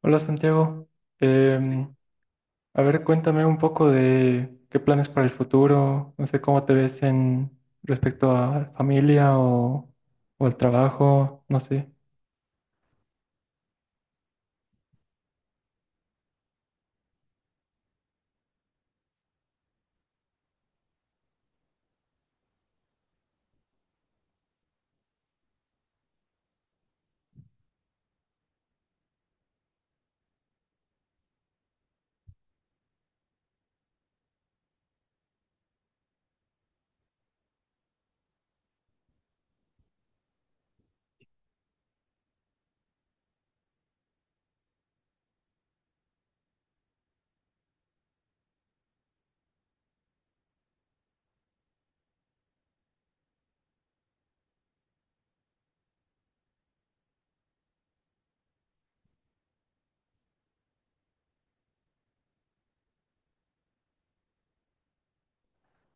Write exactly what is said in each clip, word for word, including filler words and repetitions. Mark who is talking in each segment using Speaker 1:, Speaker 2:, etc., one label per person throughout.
Speaker 1: Hola Santiago. Em, a ver, cuéntame un poco de qué planes para el futuro, no sé cómo te ves en respecto a la familia o, o al trabajo, no sé.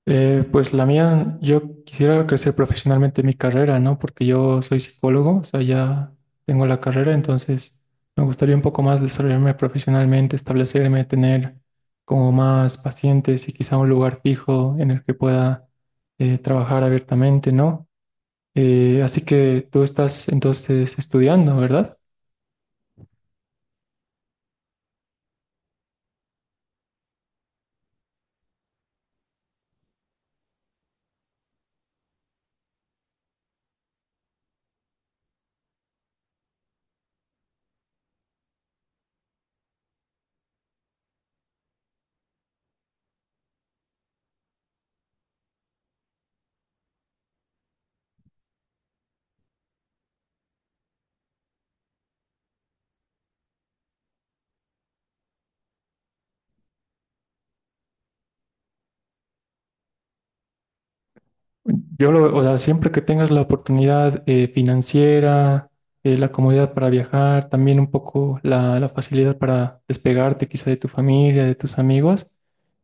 Speaker 1: Eh, pues la mía, yo quisiera crecer profesionalmente en mi carrera, ¿no? Porque yo soy psicólogo, o sea, ya tengo la carrera, entonces me gustaría un poco más desarrollarme profesionalmente, establecerme, tener como más pacientes y quizá un lugar fijo en el que pueda eh, trabajar abiertamente, ¿no? Eh, así que tú estás entonces estudiando, ¿verdad? Yo lo, o sea, siempre que tengas la oportunidad eh, financiera, eh, la comodidad para viajar, también un poco la, la facilidad para despegarte quizá de tu familia, de tus amigos,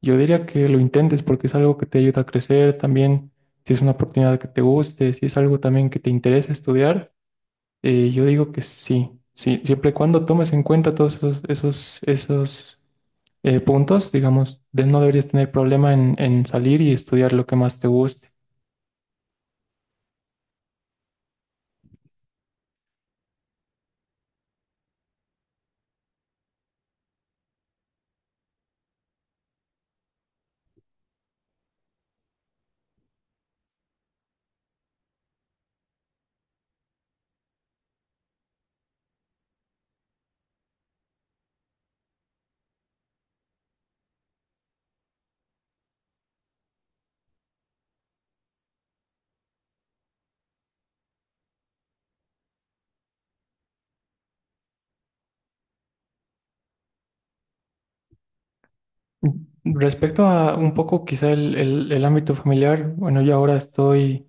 Speaker 1: yo diría que lo intentes porque es algo que te ayuda a crecer también, si es una oportunidad que te guste, si es algo también que te interesa estudiar. Eh, yo digo que sí, sí, siempre y cuando tomes en cuenta todos esos, esos, esos eh, puntos, digamos, de- no deberías tener problema en, en salir y estudiar lo que más te guste. Mm. Respecto a un poco quizá el, el- el ámbito familiar, bueno, yo ahora estoy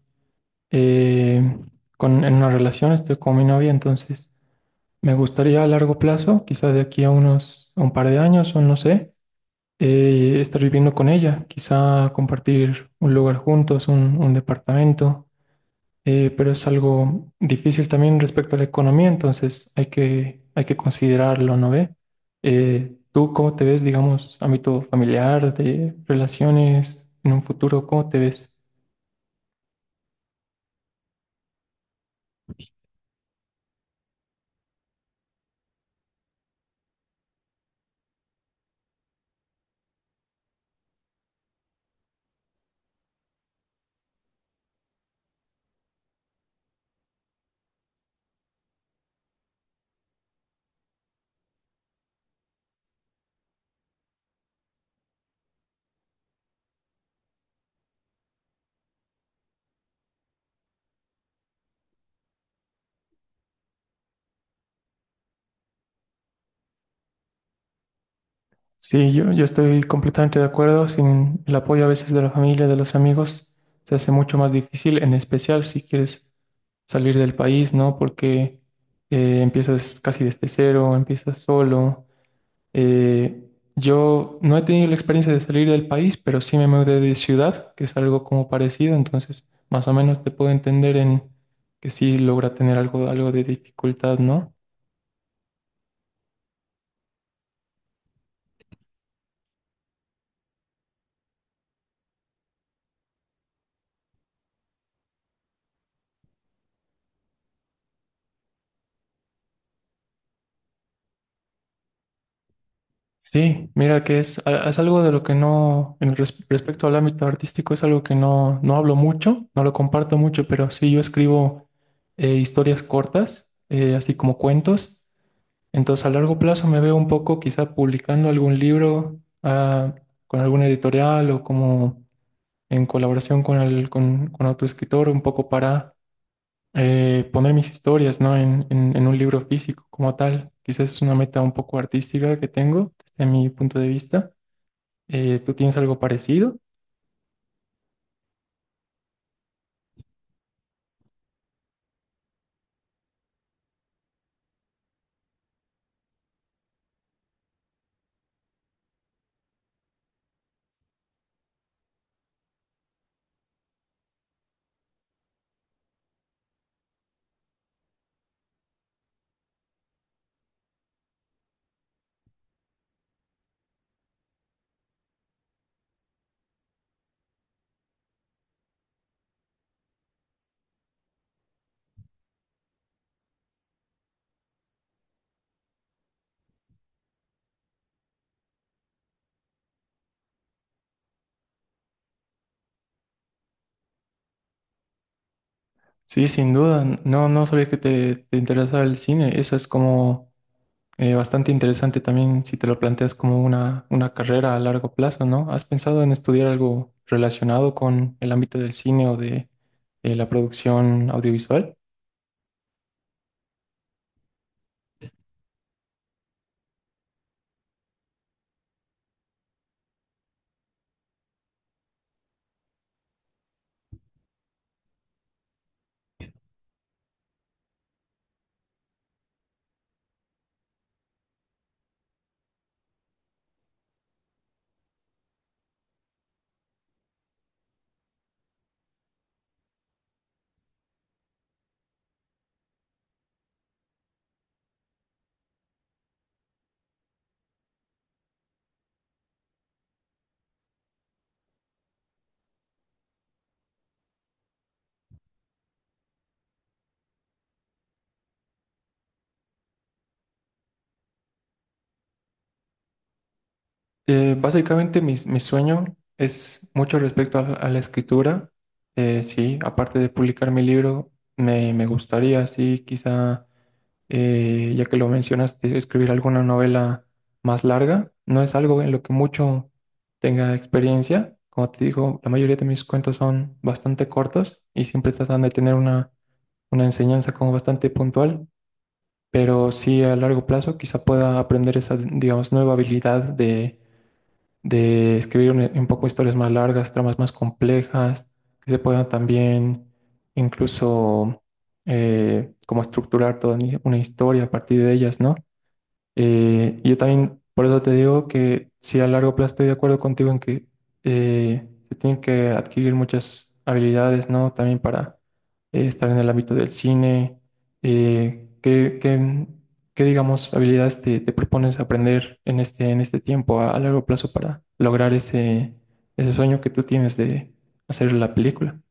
Speaker 1: eh, con, en una relación, estoy con mi novia, entonces me gustaría a largo plazo, quizá de aquí a unos, a un par de años o no sé, eh, estar viviendo con ella, quizá compartir un lugar juntos, un, un departamento. Eh, pero es algo difícil también respecto a la economía, entonces hay que, hay que considerarlo, ¿no ve? Eh, ¿tú cómo te ves, digamos, ámbito familiar, de relaciones, en un futuro, cómo te ves? Sí, yo, yo estoy completamente de acuerdo, sin el apoyo a veces de la familia, de los amigos, se hace mucho más difícil, en especial si quieres salir del país, ¿no? Porque eh, empiezas casi desde cero, empiezas solo. Eh, yo no he tenido la experiencia de salir del país, pero sí me mudé de ciudad, que es algo como parecido, entonces más o menos te puedo entender en que sí logra tener algo, algo de dificultad, ¿no? Sí, mira que es, a- es algo de lo que no, en res- respecto al ámbito artístico, es algo que no, no hablo mucho, no lo comparto mucho, pero sí yo escribo eh, historias cortas, eh, así como cuentos. Entonces, a largo plazo me veo un poco quizá publicando algún libro, ah, con alguna editorial o como en colaboración con, el- con, con otro escritor, un poco para eh, poner mis historias, ¿no? en, en- en un libro físico como tal. Quizás es una meta un poco artística que tengo desde mi punto de vista. Eh, ¿tú tienes algo parecido? Sí, sin duda. No, no sabía que te, te interesaba el cine. Eso es como... Eh, bastante interesante también si te lo planteas como una, una carrera a largo plazo, ¿no? ¿Has pensado en estudiar algo relacionado con el ámbito del cine o de eh, la producción audiovisual? Eh, básicamente mi mi, sueño es mucho respecto a, a la escritura. Eh, sí, aparte de publicar mi libro, me, me gustaría, sí, quizá. Eh, ya que lo mencionaste, escribir alguna novela más larga no es algo en lo que mucho tenga experiencia. Como te digo, la mayoría de mis cuentos son bastante cortos y siempre tratan de tener una, una enseñanza como bastante puntual, pero sí a largo plazo quizá pueda aprender esa, digamos, nueva habilidad de de escribir un, un poco historias más largas, tramas más complejas, que se puedan también incluso eh, como estructurar toda ni- una historia a partir de ellas, ¿no? Eh, yo también, por eso te digo que sí, a largo plazo estoy de acuerdo contigo en que eh, se tienen que adquirir muchas habilidades, ¿no? También para eh, estar en el ámbito del cine. Eh, ¿qué, qué- qué, digamos, habilidades te, te propones aprender en este, en este tiempo a, a largo plazo para lograr ese, ese sueño que tú tienes de hacer la película?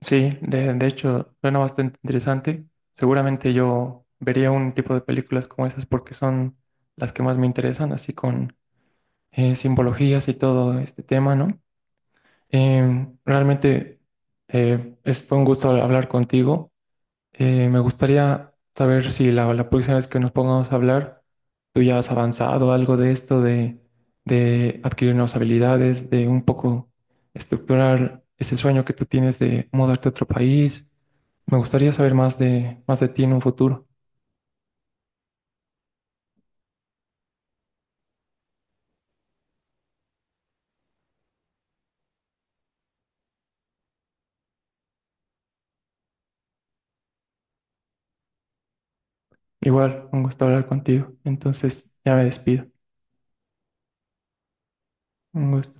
Speaker 1: Sí, de, de hecho, suena bastante interesante. Seguramente yo vería un tipo de películas como esas porque son las que más me interesan, así con eh, simbologías y todo este tema, ¿no? Em, realmente eh, es, fue un gusto hablar contigo. Eh, me gustaría saber si la, la próxima vez que nos pongamos a hablar, tú ya has avanzado algo de esto, de, de adquirir nuevas habilidades, de un poco estructurar ese sueño que tú tienes de mudarte a otro país. Me gustaría saber más de, más de ti en un futuro. Igual, un gusto hablar contigo. Entonces, ya me despido. Un gusto.